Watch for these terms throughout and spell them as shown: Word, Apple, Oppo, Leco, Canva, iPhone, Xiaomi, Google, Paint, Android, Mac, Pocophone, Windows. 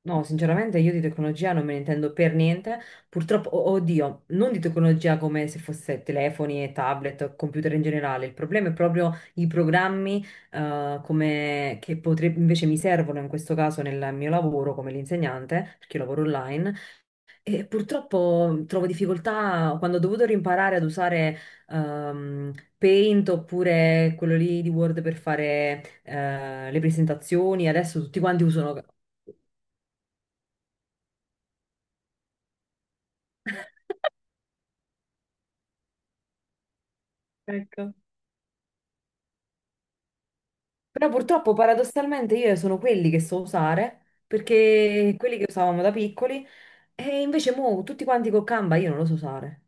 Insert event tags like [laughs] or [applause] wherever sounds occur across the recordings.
No, sinceramente io di tecnologia non me ne intendo per niente. Purtroppo, oddio, non di tecnologia come se fosse telefoni e tablet, computer in generale. Il problema è proprio i programmi come, invece mi servono in questo caso nel mio lavoro come l'insegnante, perché io lavoro online. E purtroppo trovo difficoltà quando ho dovuto rimparare ad usare ehm, Paint oppure quello lì di Word per fare le presentazioni. Adesso tutti quanti usano. Ecco. Però purtroppo paradossalmente io sono quelli che so usare, perché quelli che usavamo da piccoli, e invece mo tutti quanti con Canva io non lo so usare.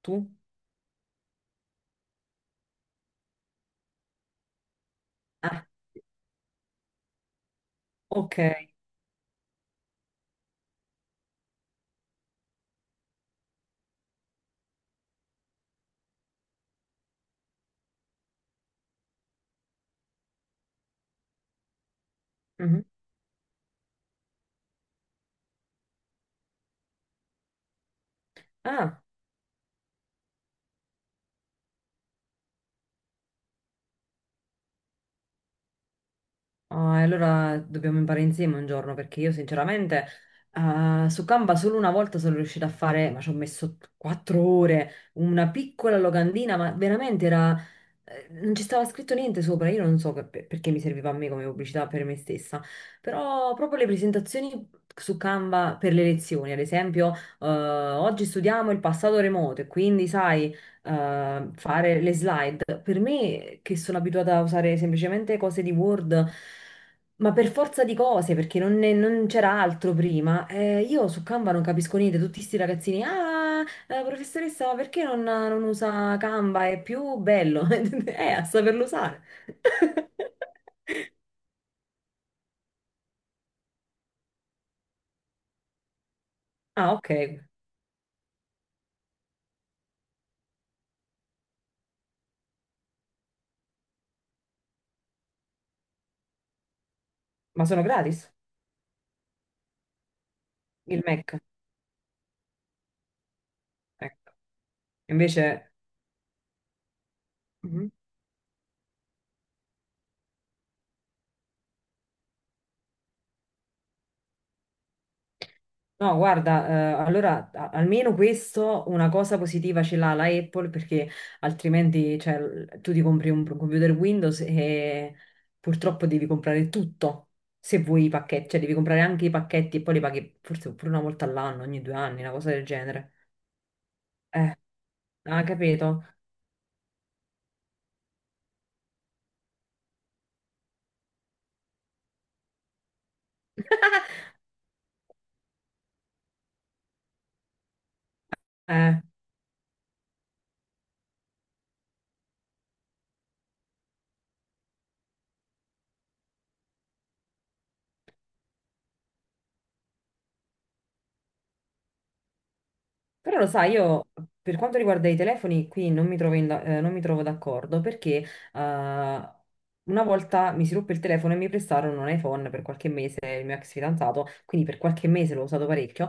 Tu? Ah, ok. Mhm. Ah, ah, e allora dobbiamo imparare insieme un giorno, perché io sinceramente ah, su Canva solo una volta sono riuscita a fare, ma ci ho messo 4 ore, una piccola locandina, ma veramente era. Non ci stava scritto niente sopra, io non so perché mi serviva a me come pubblicità per me stessa, però proprio le presentazioni su Canva per le lezioni, ad esempio, oggi studiamo il passato remoto e quindi sai, fare le slide, per me che sono abituata a usare semplicemente cose di Word, ma per forza di cose, perché non c'era altro prima, io su Canva non capisco niente, tutti sti ragazzini, ah! Professoressa, ma perché non usa Canva? È più bello. [laughs] A saperlo usare. [laughs] Ah, ok. Ma sono gratis il Mac. Ecco. Invece, mhm, no, guarda, allora almeno questo una cosa positiva ce l'ha la Apple perché altrimenti cioè, tu ti compri un computer Windows e purtroppo devi comprare tutto. Se vuoi i pacchetti, cioè devi comprare anche i pacchetti e poi li paghi forse pure una volta all'anno, ogni 2 anni, una cosa del genere. Eh. Ah, capito. Eh, però lo sai, io per quanto riguarda i telefoni qui non mi trovo, in da- non mi trovo d'accordo perché eh, una volta mi si ruppe il telefono e mi prestarono un iPhone per qualche mese, il mio ex fidanzato, quindi per qualche mese l'ho usato parecchio.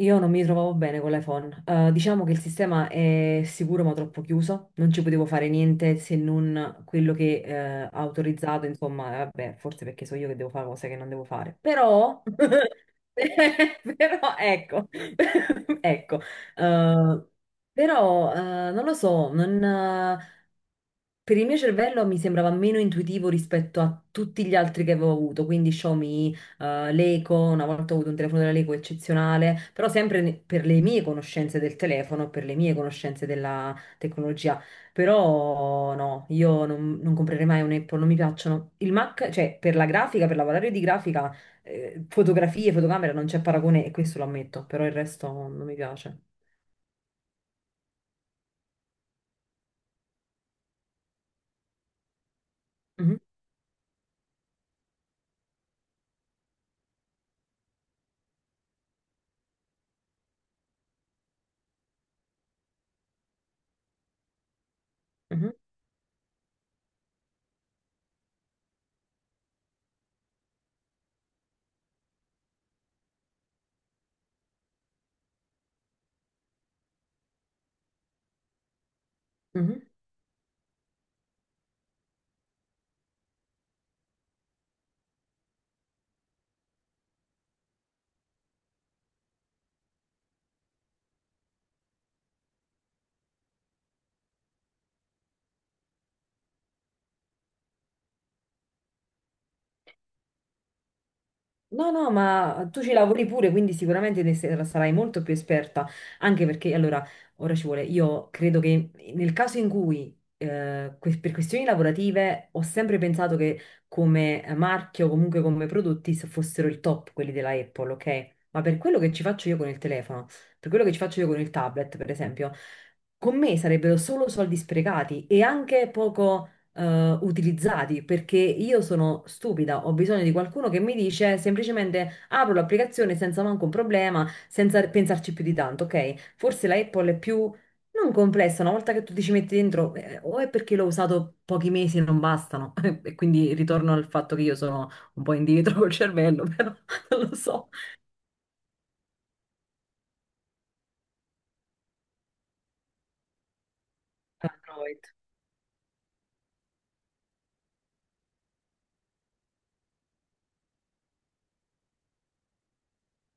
Io non mi trovavo bene con l'iPhone. Diciamo che il sistema è sicuro ma troppo chiuso, non ci potevo fare niente se non quello che ha autorizzato, insomma, vabbè, forse perché so io che devo fare cose che non devo fare. Però, [laughs] però ecco, [laughs] ecco, eh, però non lo so, non, per il mio cervello mi sembrava meno intuitivo rispetto a tutti gli altri che avevo avuto, quindi Xiaomi, l'eco, una volta ho avuto un telefono della Leco eccezionale, però sempre per le mie conoscenze del telefono, per le mie conoscenze della tecnologia. Però no, io non comprerei mai un Apple, non mi piacciono. Il Mac, cioè per la grafica, per lavorare di grafica, fotografie, fotocamera, non c'è paragone e questo lo ammetto, però il resto non mi piace. Mhm, mhm, mhm. No, no, ma tu ci lavori pure, quindi sicuramente sarai molto più esperta, anche perché allora, ora ci vuole, io credo che nel caso in cui, per questioni lavorative, ho sempre pensato che come marchio, comunque come prodotti, fossero il top quelli della Apple, ok? Ma per quello che ci faccio io con il telefono, per quello che ci faccio io con il tablet, per esempio, con me sarebbero solo soldi sprecati e anche poco utilizzati perché io sono stupida, ho bisogno di qualcuno che mi dice semplicemente apro l'applicazione senza manco un problema, senza pensarci più di tanto, ok? Forse la Apple è più non complessa, una volta che tu ti ci metti dentro, o è perché l'ho usato pochi mesi e non bastano, [laughs] e quindi ritorno al fatto che io sono un po' indietro col cervello, [laughs] però non lo so. Android.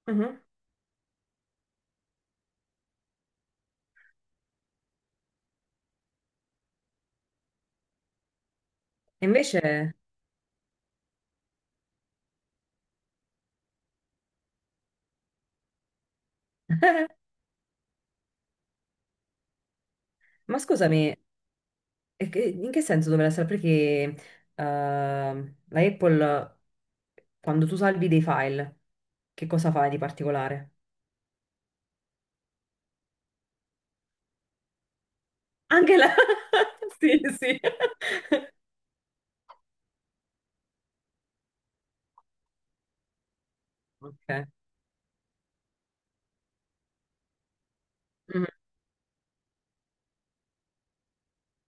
Mhm. E invece, ma scusami, in che senso dovrà essere? Perché la Apple, quando tu salvi dei file, che cosa fai di particolare? Anche la. [laughs] Sì, sì. Ok. Mm.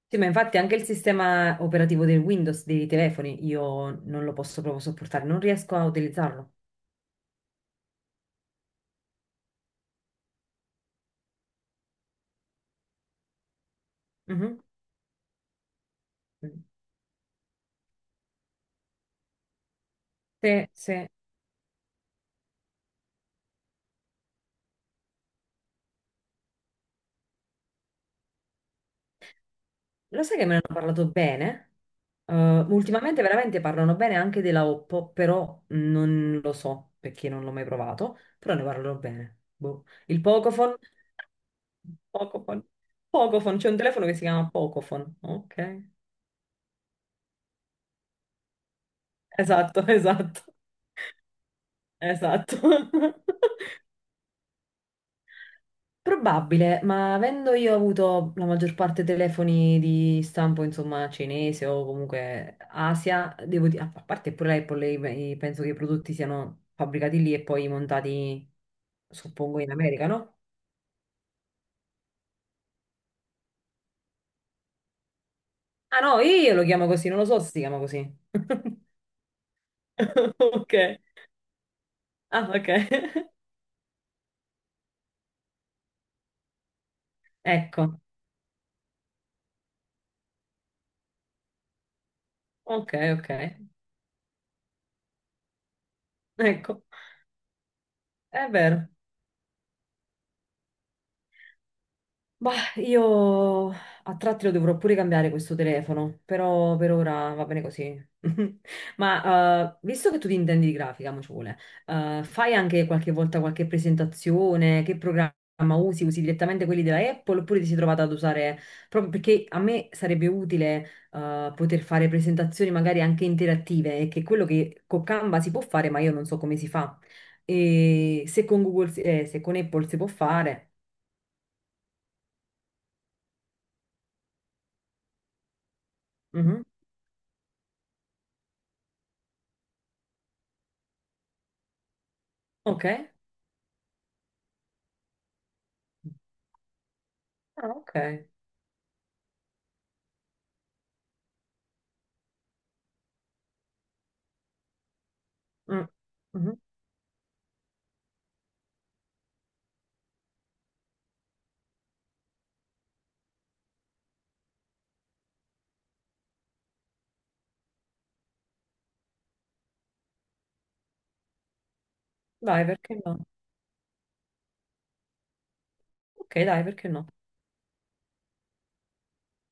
Sì, ma infatti anche il sistema operativo del Windows dei telefoni io non lo posso proprio sopportare, non riesco a utilizzarlo. Mhm. Sì, sì. Lo sai che me ne hanno parlato bene? Eh, ultimamente veramente parlano bene anche della Oppo, però non lo so perché non l'ho mai provato, però ne parlano bene. Boh. Il Pocophone, Pocophone, Pocophone, c'è un telefono che si chiama Pocophone, ok? Esatto, esatto, esatto. [laughs] Probabile, ma avendo io avuto la maggior parte telefoni di stampo, insomma, cinese o comunque Asia, devo dire, a parte pure l'Apple, penso che i prodotti siano fabbricati lì e poi montati, suppongo, in America, no? Ah no, io lo chiamo così, non lo so se si chiama così. [laughs] Ok, ah ok, [laughs] ecco, ok, ok, ecco, è vero. Bah, io a tratti lo dovrò pure cambiare questo telefono, però per ora va bene così. [laughs] Ma visto che tu ti intendi di grafica, mo ci vuole, fai anche qualche volta qualche presentazione? Che programma usi? Usi direttamente quelli della Apple oppure ti sei trovata ad usare. Proprio perché a me sarebbe utile poter fare presentazioni magari anche interattive, e che è quello che con Canva si può fare, ma io non so come si fa. E se con Google, se con Apple si può fare. Mhm. Ok. Ah, ok. Mm. Mhm. Dai, perché no? Ok, dai, perché no?